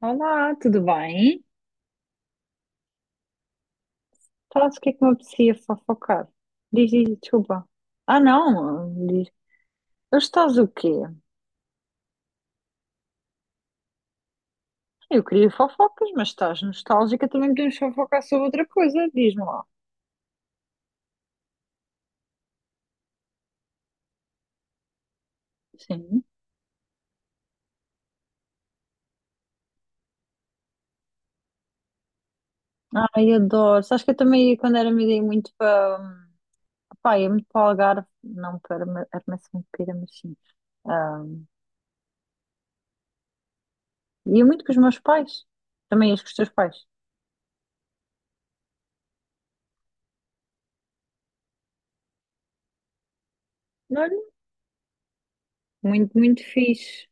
Olá, tudo bem? Sabes o que é que me apetecia fofocar? Diz, desculpa. Ah, não, diz. Hoje estás o quê? Eu queria fofocas, mas estás nostálgica, também podemos fofocar sobre outra coisa, diz-me lá. Sim. Ai, adoro. Sabes que eu também, ia, quando era miúda, ia muito para... Pá, ia muito para o Algarve, não para Armação de Pera, mas sim. Ah, ia muito com os meus pais. Também ias com os teus pais. Olha, muito, muito fixe.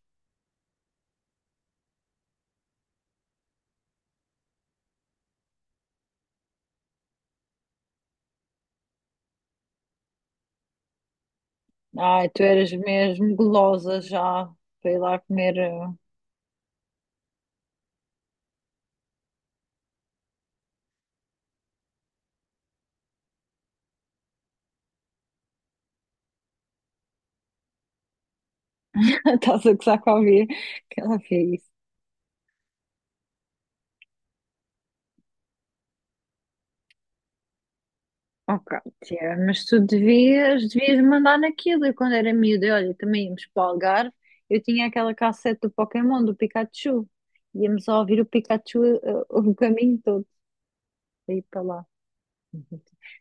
Ai, tu eras mesmo gulosa já para ir lá comer. Estás a gozar com a Bia, que ela fez isso. Ok, tia, mas tu devias, devias mandar naquilo. Eu, quando era miúda, e olha, também íamos para o Algarve. Eu tinha aquela cassete do Pokémon, do Pikachu. Íamos a ouvir o Pikachu o caminho todo, daí para lá. Uhum.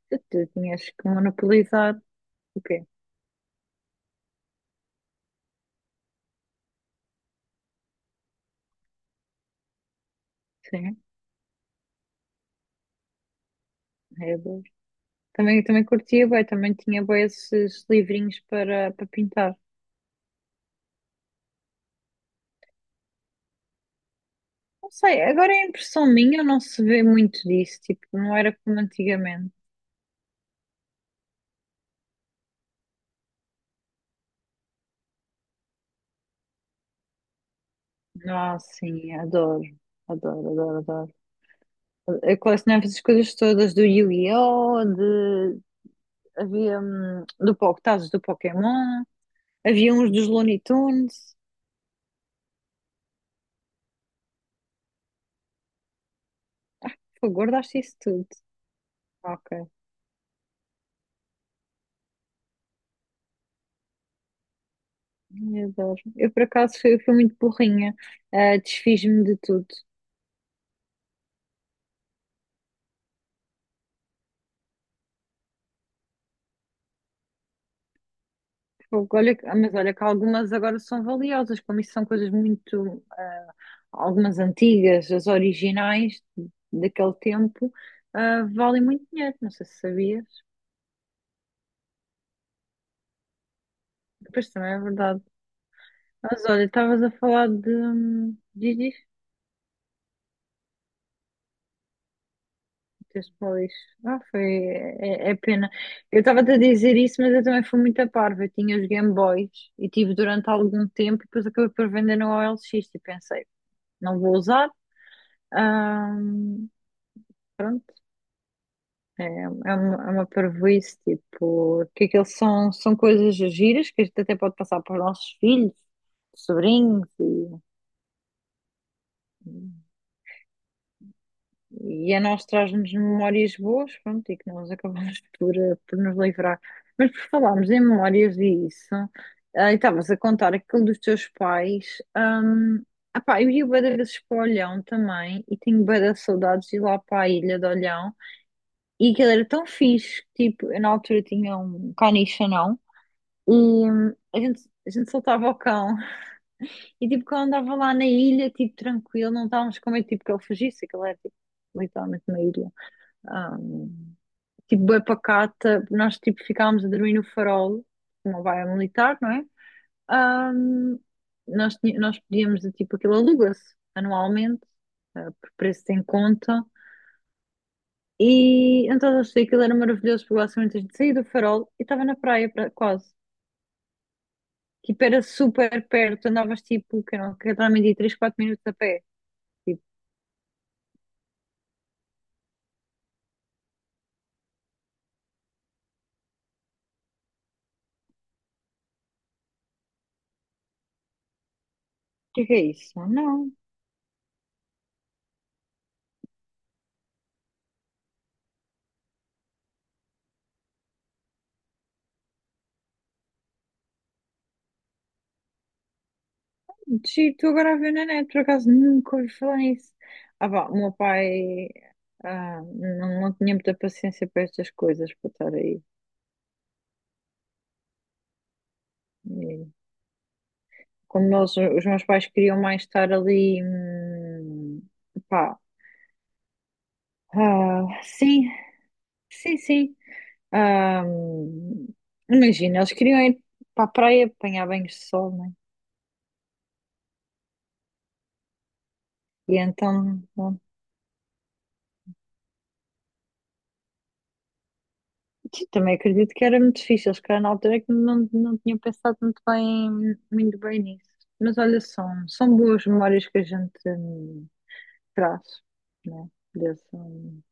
Tu tinhas que monopolizar o quê? Sim, é bom. Também, também curtia, bué, também tinha bué esses livrinhos para, para pintar. Não sei, agora é impressão minha, não se vê muito disso, tipo, não era como antigamente. Ah, sim, adoro, adoro, adoro, adoro. Eu colecionava essas coisas todas do Yu-Gi-Oh! De- Havia do, Po- tazos do Pokémon, havia uns dos Looney Tunes. Pô, guardaste isso tudo. Ok, eu adoro. Eu por acaso fui, fui muito burrinha, ah, desfiz-me de tudo. Fogo, olha, que- mas olha que algumas agora são valiosas, como isso são coisas muito, ah, algumas antigas, as originais daquele tempo, ah, valem muito dinheiro, não sei se sabias. Depois também é verdade. Mas olha, estavas a falar de. Diz, tens falado isso. Ah, foi. É, é pena. Eu estava-te a dizer isso, mas eu também fui muito a parva. Eu tinha os Game Boys e tive durante algum tempo e depois acabei por vender no OLX e pensei, não vou usar. Ah, É, é uma parvoíce, tipo, que aquilo são, são coisas giras que a gente até pode passar para os nossos filhos, sobrinhos, e a nós traz-nos memórias boas, pronto, e que nós acabamos por, por nos livrar. Mas por falarmos em memórias e isso, ah, e estavas a contar aquilo dos teus pais, hum, ah, pá, eu ia bué de vezes para o Olhão também, e tenho bué de saudades de ir lá para a ilha de Olhão, e aquilo era tão fixe, tipo, eu na altura tinha um caniche anão, E a gente soltava o cão. E tipo, quando andava lá na ilha, tipo, tranquilo, não estávamos com medo, tipo, que ele fugisse, que ele era, tipo, literalmente uma ilha. Hum, tipo, bué pacata, nós, tipo, ficávamos a dormir no farol, uma baia militar, não é? Hum, nós, tinha- nós podíamos, de, tipo, aquilo aluga-se anualmente, por preço em conta. E então eu achei que aquilo era maravilhoso, porque basicamente a gente saía do farol e estava na praia, pra- quase. Tipo, era super perto, andavas tipo, que não, que também 3 4 minutos a pé. Tipo, o que é isso? Ah, não, giro, estou agora a ver na net, por acaso nunca ouvi falar nisso. Ah, pá, o meu pai ah, não, não tinha muita paciência para estas coisas, para estar aí. E como nós, os meus pais queriam mais estar ali, pá, ah, sim, sim, sim. Ah, imagina, eles queriam ir para a praia apanhar banhos de sol, né? E então sim, também acredito que era muito difícil. Eles calhar na altura é que não, não tinha pensado muito bem nisso. Mas olha, são, são boas memórias que a gente traz, né? Desse,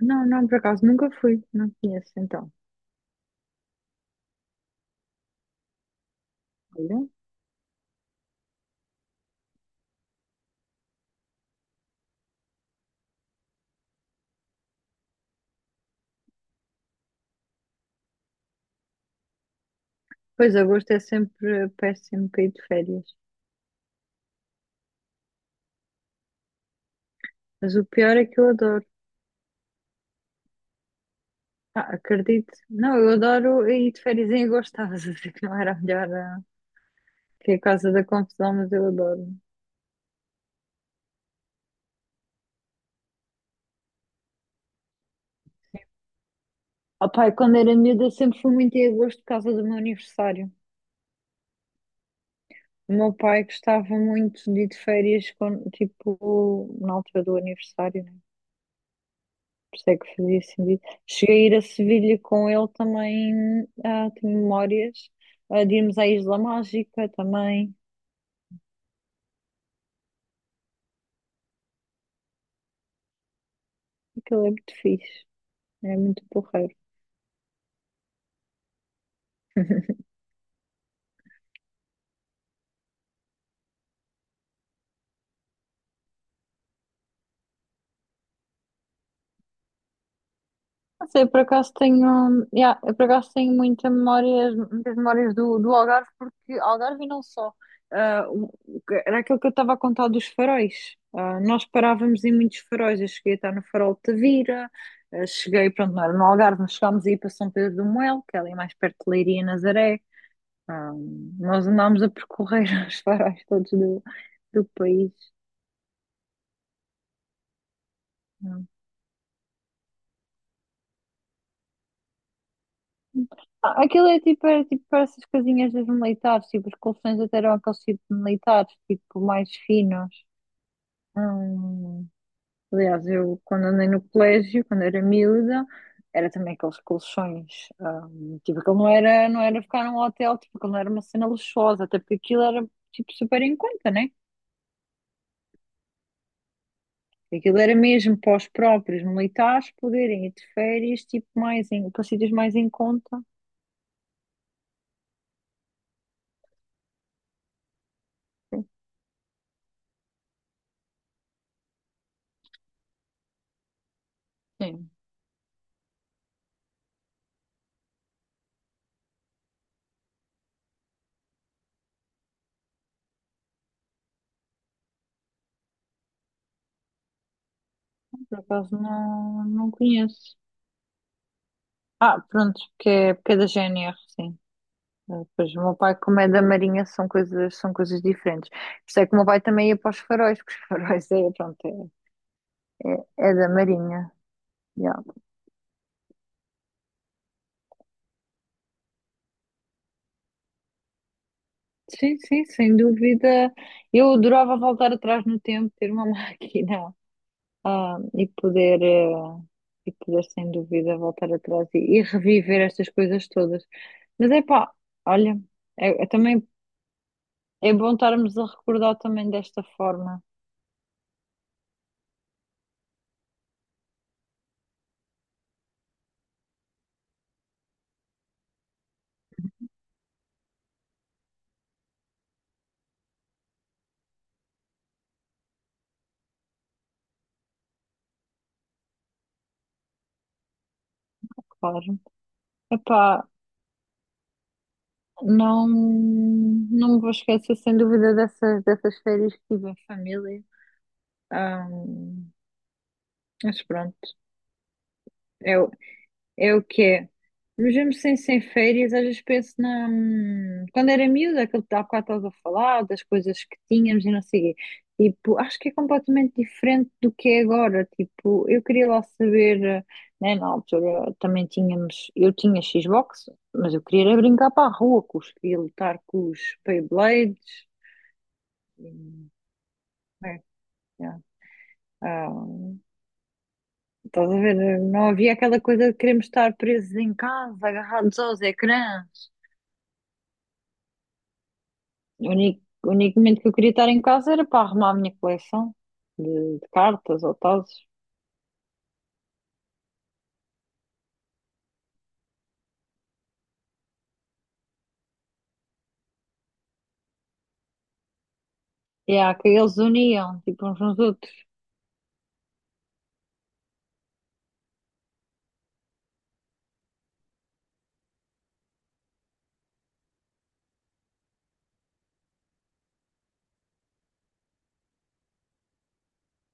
não, não, por acaso nunca fui, não conheço então. Olha. Pois agosto é sempre péssimo para ir de férias. Mas o pior é que eu adoro. Ah, acredito. Não, eu adoro ir de férias em agosto. Estavas a dizer que não era a melhor, ah, que é a causa da confusão, mas eu adoro. Ah, pá, quando era miúda sempre fui muito em agosto por causa do meu aniversário. O meu pai gostava muito de ir de férias, quando, tipo, na altura do aniversário, né? Por isso é que fazia sentido. Cheguei a ir a Sevilha com ele também, ah, tenho memórias, ah, de irmos à Isla Mágica também. Aquilo é muito fixe, é muito porreiro. Não sei, por acaso tenho, yeah, eu por acaso tenho muita memórias, muitas memórias do, do Algarve, porque Algarve e não só. Ah, o- era aquilo que eu estava a contar dos faróis. Ah, nós parávamos em muitos faróis. Eu cheguei a estar no farol de Tavira, ah, cheguei, pronto, não era no Algarve, mas chegámos a ir para São Pedro do Moel, que é ali mais perto de Leiria e Nazaré. Ah, nós andámos a percorrer os faróis todos do, do país. Ah, ah, aquilo é tipo, era tipo para essas casinhas dos militares, tipo, os colchões até eram aqueles tipo de militares, tipo, mais finos. Hum, aliás, eu quando andei no colégio, quando era miúda, era também aqueles colchões, tipo, aquilo não era, não era ficar num hotel, tipo, aquilo não era uma cena luxuosa, até porque aquilo era, tipo, super em conta, né? Aquilo era mesmo para os próprios militares poderem ir de férias, tipo, mais em, para sítios mais em conta. Sim, por acaso não, não conheço. Ah, pronto, porque é da GNR, sim. Pois o meu pai, como é da Marinha, são coisas diferentes. Por isso é que o meu pai também ia para os faróis, porque os faróis é, pronto, é, é, é da Marinha. Yeah. Sim, sim, sem dúvida. Eu adorava voltar atrás no tempo, ter uma máquina, ah, e poder, e poder, sem dúvida, voltar atrás e reviver estas coisas todas. Mas é pá, olha, é, é também é bom estarmos a recordar também desta forma, claro. Epá, não, não me vou esquecer, sem dúvida, dessas, dessas férias que tive em família. Ahm, mas pronto, é, o- é o que é. Mesmo sem, sem férias, às vezes penso na. Quando era miúda, aquilo que há bocado estavas a falar, das coisas que tínhamos e não sei o quê. Tipo, acho que é completamente diferente do que é agora. Tipo, eu queria lá saber, eh, né, na altura também tínhamos. Eu tinha Xbox, mas eu queria era brincar para a rua com os filhos, lutar com os Beyblades. Pois, já. Ah, estás a ver? Não havia aquela coisa de queremos estar presos em casa, agarrados aos ecrãs. O único momento que eu queria estar em casa era para arrumar a minha coleção de cartas ou tazos. E há que eles uniam, tipo, uns nos outros.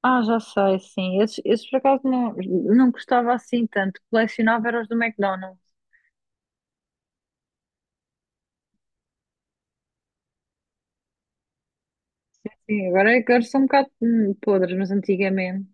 Ah, já sei, sim. Esses, esses por acaso não, não gostava assim tanto. Colecionava era os do McDonald's. Sim, agora, agora são um bocado podres, mas antigamente.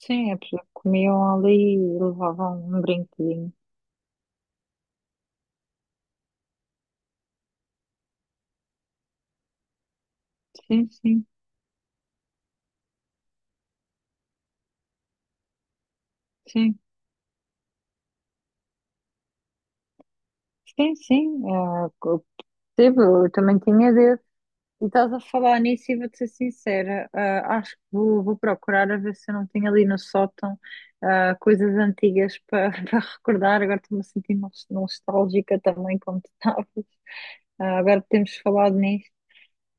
Sim, é porque comiam ali e levavam um brinquedinho. Sim, sim, sim. Sim, sim. é co- percebo, eu também tinha desse. E estás a falar nisso e vou-te ser sincera. Ah, acho que vou, vou procurar a ver se eu não tenho ali no sótão ah, coisas antigas para para recordar. Agora estou-me a sentir nostálgica também, como tu estavas. Ah, agora que temos falado nisso.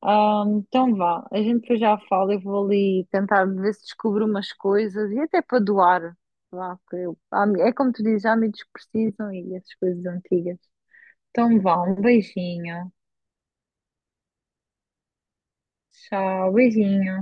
Ah, então vá, a gente depois já fala. Eu vou ali tentar ver se descubro umas coisas e até para doar. Vá, porque eu- há- é como tu dizes, há amigos que precisam e essas coisas antigas. Então vá, um beijinho. Tchau, beijinho.